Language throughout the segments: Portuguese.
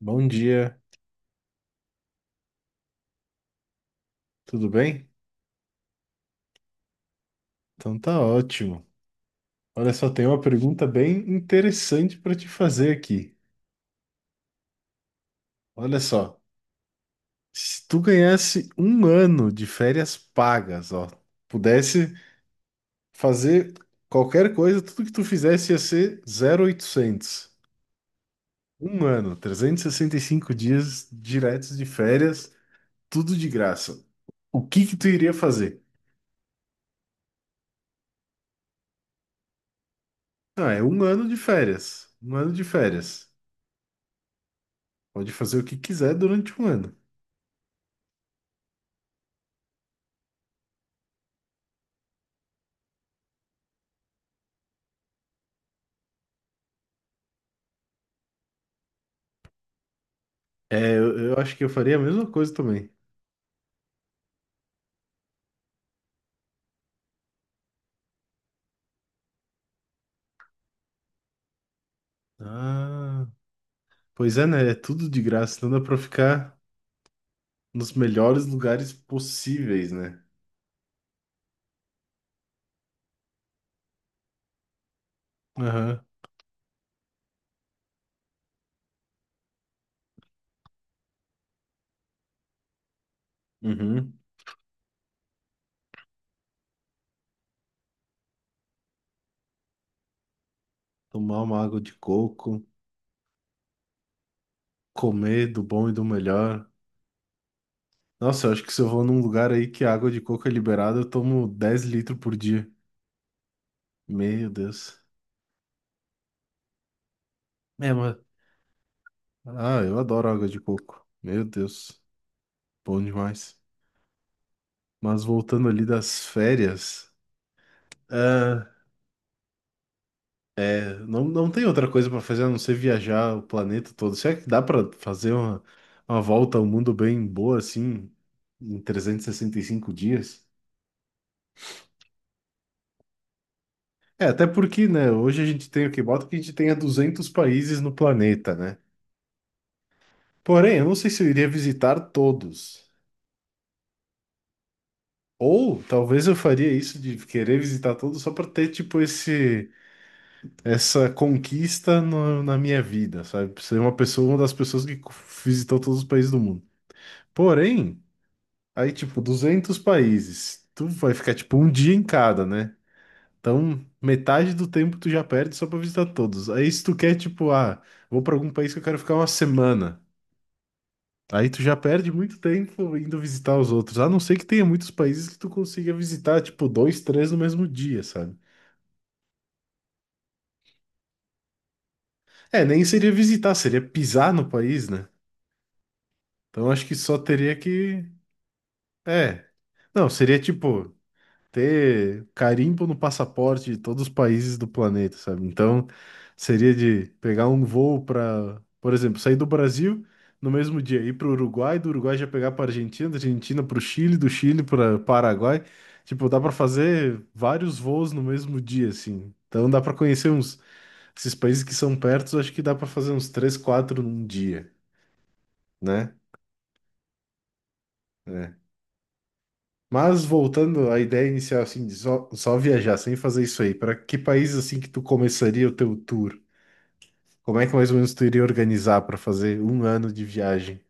Bom dia, tudo bem? Então tá ótimo. Olha só, tem uma pergunta bem interessante para te fazer aqui. Olha só, se tu ganhasse um ano de férias pagas, ó, pudesse fazer qualquer coisa, tudo que tu fizesse ia ser 0,800. Um ano, trezentos e sessenta e cinco dias diretos de férias, tudo de graça. O que que tu iria fazer? Ah, é um ano de férias. Um ano de férias. Pode fazer o que quiser durante um ano. É, eu acho que eu faria a mesma coisa também. Ah, pois é, né? É tudo de graça, então dá pra ficar nos melhores lugares possíveis, né? Aham. Uhum. Tomar uma água de coco, comer do bom e do melhor. Nossa, eu acho que se eu vou num lugar aí que a água de coco é liberada, eu tomo 10 litros por dia. Meu Deus. É, mas... Ah, eu adoro água de coco. Meu Deus, bom demais. Mas voltando ali das férias. ah, Não, não tem outra coisa pra fazer a não ser viajar o planeta todo. Será que dá pra fazer uma volta ao mundo bem boa assim, em trezentos e sessenta e cinco dias? É, até porque, né, hoje a gente tem o que bota que a gente tenha 200 países no planeta, né? Porém, eu não sei se eu iria visitar todos. Ou talvez eu faria isso de querer visitar todos só pra ter, tipo, esse, essa conquista na minha vida, sabe? Ser uma pessoa, uma das pessoas que visitou todos os países do mundo. Porém. Aí, tipo, 200 países. Tu vai ficar, tipo, um dia em cada, né? Então, metade do tempo tu já perde só pra visitar todos. Aí, se tu quer, tipo, ah, vou pra algum país que eu quero ficar uma semana. Aí tu já perde muito tempo indo visitar os outros. A não ser que tenha muitos países que tu consiga visitar, tipo, dois, três no mesmo dia, sabe? É, nem seria visitar, seria pisar no país, né? Então, acho que só teria que. É. Não, seria tipo. Ter carimbo no passaporte de todos os países do planeta, sabe? Então, seria de pegar um voo para, por exemplo, sair do Brasil no mesmo dia, ir para o Uruguai, do Uruguai já pegar para Argentina, da Argentina para o Chile, do Chile para Paraguai. Tipo, dá para fazer vários voos no mesmo dia, assim. Então, dá para conhecer uns esses países que são perto, acho que dá para fazer uns três, quatro num dia, né? É. Mas voltando à ideia inicial, assim, de só viajar sem fazer isso aí, para que país assim que tu começaria o teu tour? Como é que mais ou menos tu iria organizar para fazer um ano de viagem?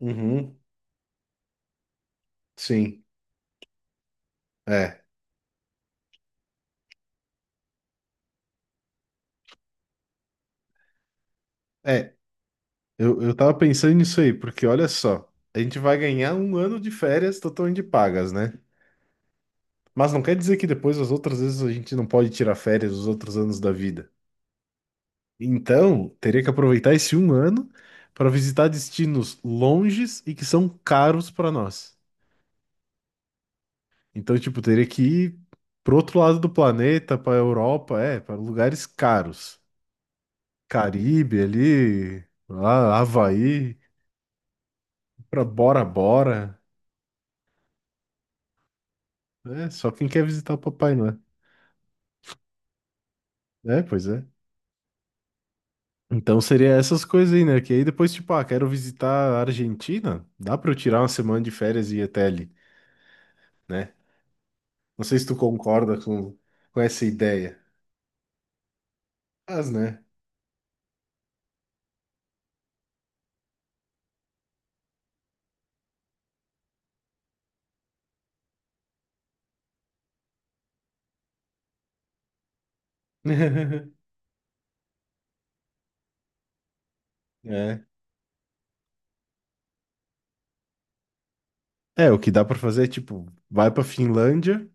Uhum, sim, é. É, eu tava pensando nisso aí, porque olha só, a gente vai ganhar um ano de férias totalmente pagas, né? Mas não quer dizer que depois as outras vezes a gente não pode tirar férias os outros anos da vida. Então, teria que aproveitar esse um ano para visitar destinos longes e que são caros para nós. Então, tipo, teria que ir pro outro lado do planeta, pra Europa, é, para lugares caros. Caribe ali, lá, Havaí, pra Bora Bora. É, só quem quer visitar o Papai Noel. É, pois é. Então seria essas coisas aí, né? Que aí depois, tipo, ah, quero visitar a Argentina. Dá pra eu tirar uma semana de férias e ir até ali, né? Não sei se tu concorda com essa ideia. Mas, né? É. É, o que dá pra fazer é, tipo, vai pra Finlândia.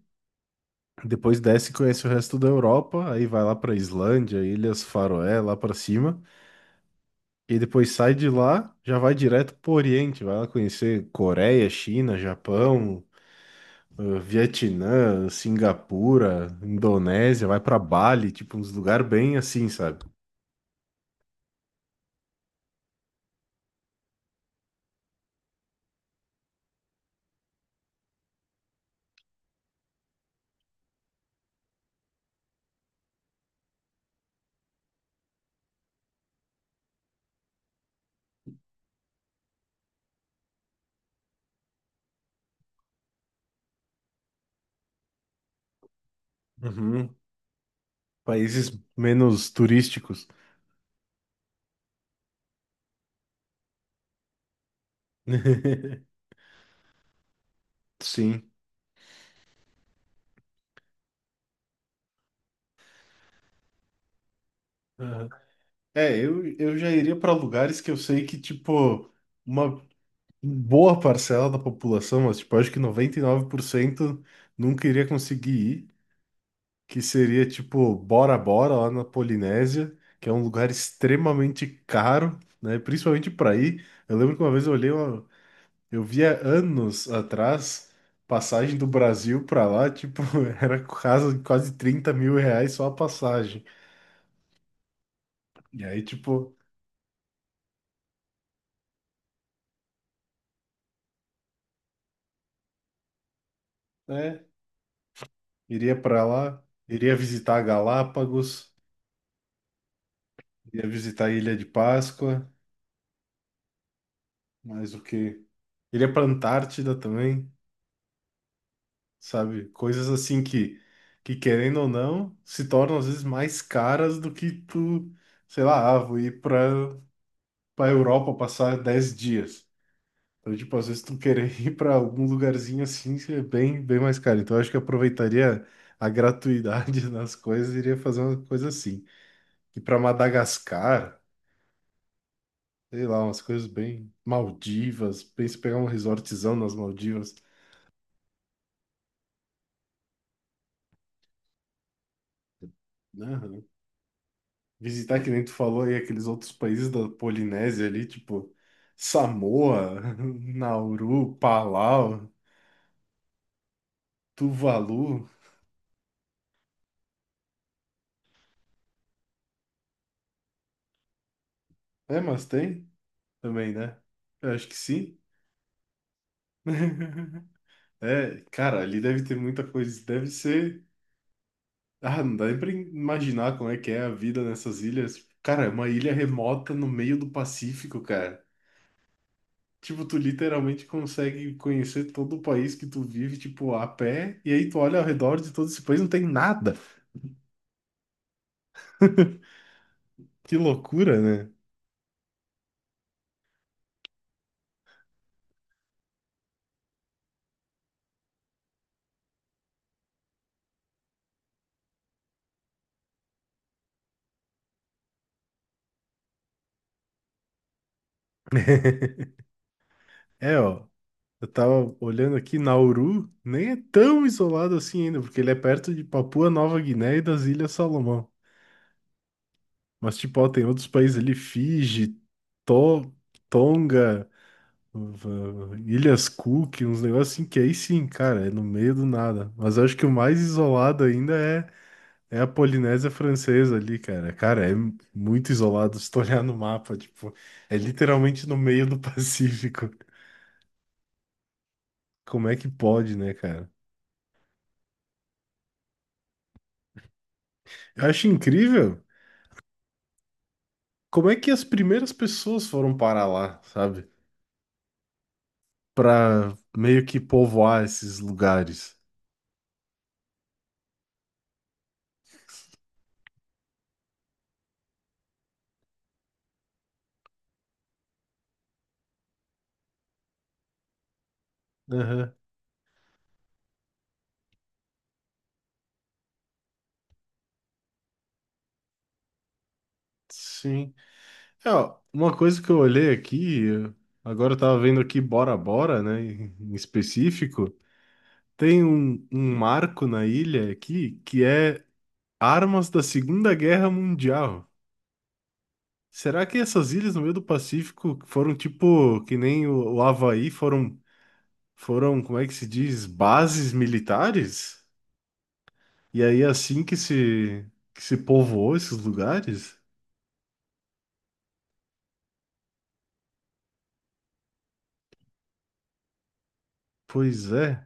Depois desce e conhece o resto da Europa, aí vai lá pra Islândia, Ilhas Faroé, lá pra cima, e depois sai de lá, já vai direto pro Oriente, vai lá conhecer Coreia, China, Japão, Vietnã, Singapura, Indonésia, vai pra Bali, tipo uns lugares bem assim, sabe? Uhum. Países menos turísticos. Sim. Aham. É, eu já iria pra lugares que eu sei que, tipo, uma boa parcela da população, mas tipo, acho que 99% nunca iria conseguir ir, que seria tipo Bora Bora lá na Polinésia, que é um lugar extremamente caro, né? Principalmente para ir. Eu lembro que uma vez eu olhei, eu via anos atrás passagem do Brasil para lá, tipo, era quase quase 30 mil reais só a passagem. E aí, tipo, né? Iria para lá, iria visitar Galápagos, iria visitar a Ilha de Páscoa. Mas o quê? Ele é pra Antártida também, sabe? Coisas assim que querendo ou não, se tornam às vezes mais caras do que tu, sei lá, ah, vou ir pra Europa passar 10 dias. Então, tipo, às vezes tu querer ir pra algum lugarzinho assim, é bem, bem mais caro. Então, eu acho que eu aproveitaria a gratuidade das coisas e iria fazer uma coisa assim. E pra Madagascar, sei lá, umas coisas bem Maldivas, pensa em pegar um resortzão nas Maldivas, né? Visitar, que nem tu falou aí, aqueles outros países da Polinésia ali, tipo Samoa, Nauru, Palau, Tuvalu. É, mas tem também, né? Eu acho que sim. É, cara, ali deve ter muita coisa. Deve ser. Ah, não dá nem pra imaginar como é que é a vida nessas ilhas. Cara, é uma ilha remota no meio do Pacífico, cara. Tipo, tu literalmente consegue conhecer todo o país que tu vive, tipo, a pé, e aí tu olha ao redor de todo esse país, não tem nada. Que loucura, né? É, ó, eu tava olhando aqui, Nauru nem é tão isolado assim ainda, porque ele é perto de Papua Nova Guiné e das Ilhas Salomão. Mas, tipo, ó, tem outros países ali, Fiji, To- Tonga, v- Ilhas Cook, uns negócios assim que aí sim, cara, é no meio do nada. Mas eu acho que o mais isolado ainda é, é a Polinésia Francesa ali, cara. Cara, é muito isolado se tu olhar no mapa, tipo, é literalmente no meio do Pacífico. Como é que pode, né, cara? Eu acho incrível como é que as primeiras pessoas foram parar lá, sabe? Pra meio que povoar esses lugares. Aham, sim. É, ó, uma coisa que eu olhei aqui, agora eu tava vendo aqui Bora Bora, né, em específico, tem um marco na ilha aqui que é armas da Segunda Guerra Mundial. Será que essas ilhas no meio do Pacífico foram tipo que nem o Havaí, foram como é que se diz, bases militares? E aí assim que se povoou esses lugares? Pois é.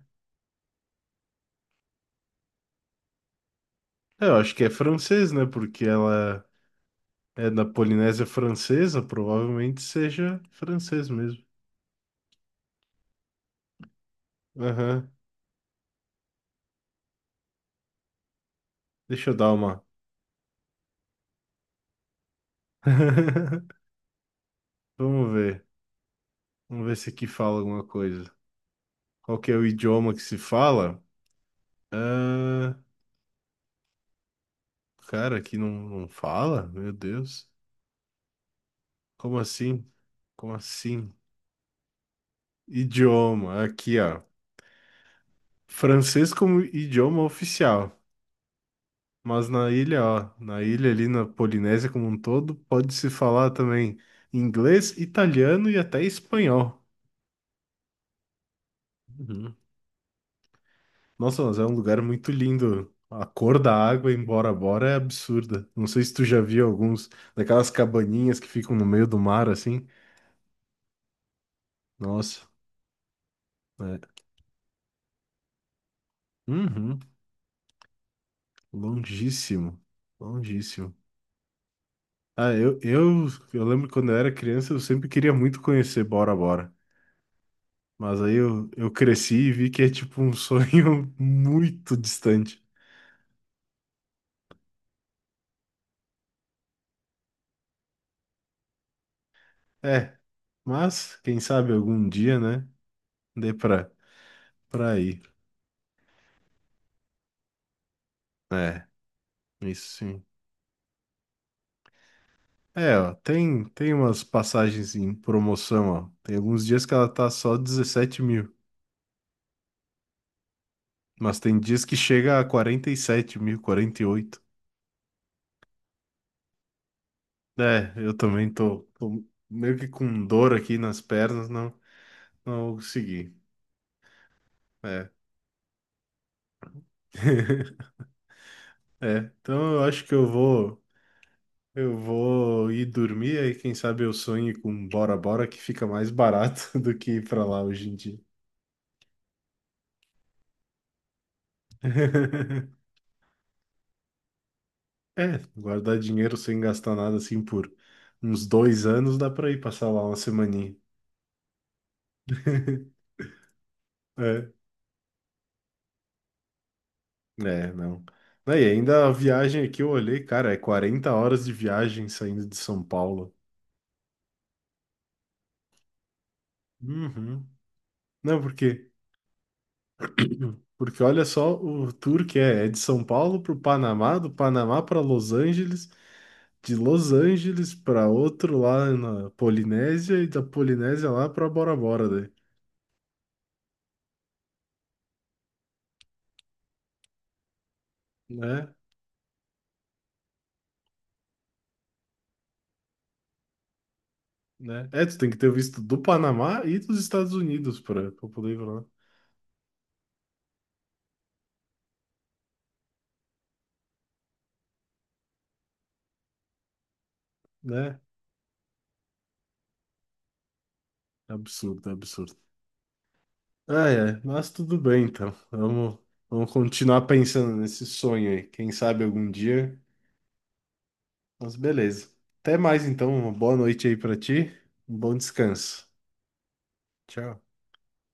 É, eu acho que é francês, né? Porque ela é da Polinésia Francesa, provavelmente seja francês mesmo. Aham. Deixa eu dar uma. Vamos ver. Vamos ver se aqui fala alguma coisa. Qual que é o idioma que se fala? Ah, cara, aqui não, não fala? Meu Deus. Como assim? Como assim? Idioma, aqui, ó. Francês como idioma oficial, mas na ilha, ó, na ilha ali na Polinésia como um todo, pode-se falar também inglês, italiano e até espanhol. Uhum. Nossa, mas é um lugar muito lindo. A cor da água em Bora Bora é absurda. Não sei se tu já viu alguns daquelas cabaninhas que ficam no meio do mar assim. Nossa, é. Uhum. Longíssimo, longíssimo. Ah, eu lembro que quando eu era criança, eu sempre queria muito conhecer Bora Bora. Mas aí eu cresci e vi que é tipo um sonho muito distante. É, mas quem sabe algum dia, né? Dê pra ir. É, isso sim. É, ó, tem umas passagens em promoção, ó. Tem alguns dias que ela tá só 17 mil. Mas tem dias que chega a 47 mil, 48 mil. É, eu também tô meio que com dor aqui nas pernas, não. Não consegui. É. É. Então eu acho que eu vou. Eu vou ir dormir, aí quem sabe eu sonhe com Bora Bora, que fica mais barato do que ir pra lá hoje em dia. É, guardar dinheiro sem gastar nada assim por uns dois anos, dá pra ir passar lá uma semaninha. É, é, não. Não, e ainda a viagem aqui eu olhei, cara, é 40 horas de viagem saindo de São Paulo. Uhum. Não, porque porque olha só o tour que é, de São Paulo para o Panamá, do Panamá para Los Angeles, de Los Angeles para outro lá na Polinésia e da Polinésia lá para Bora Bora, daí. Né? Né? É, tu tem que ter o visto do Panamá e dos Estados Unidos para poder ir pra lá, né? Absurdo, absurdo. Ah, é, mas tudo bem então. Vamos, vamos continuar pensando nesse sonho aí. Quem sabe algum dia. Mas beleza. Até mais então. Uma boa noite aí pra ti. Um bom descanso. Tchau.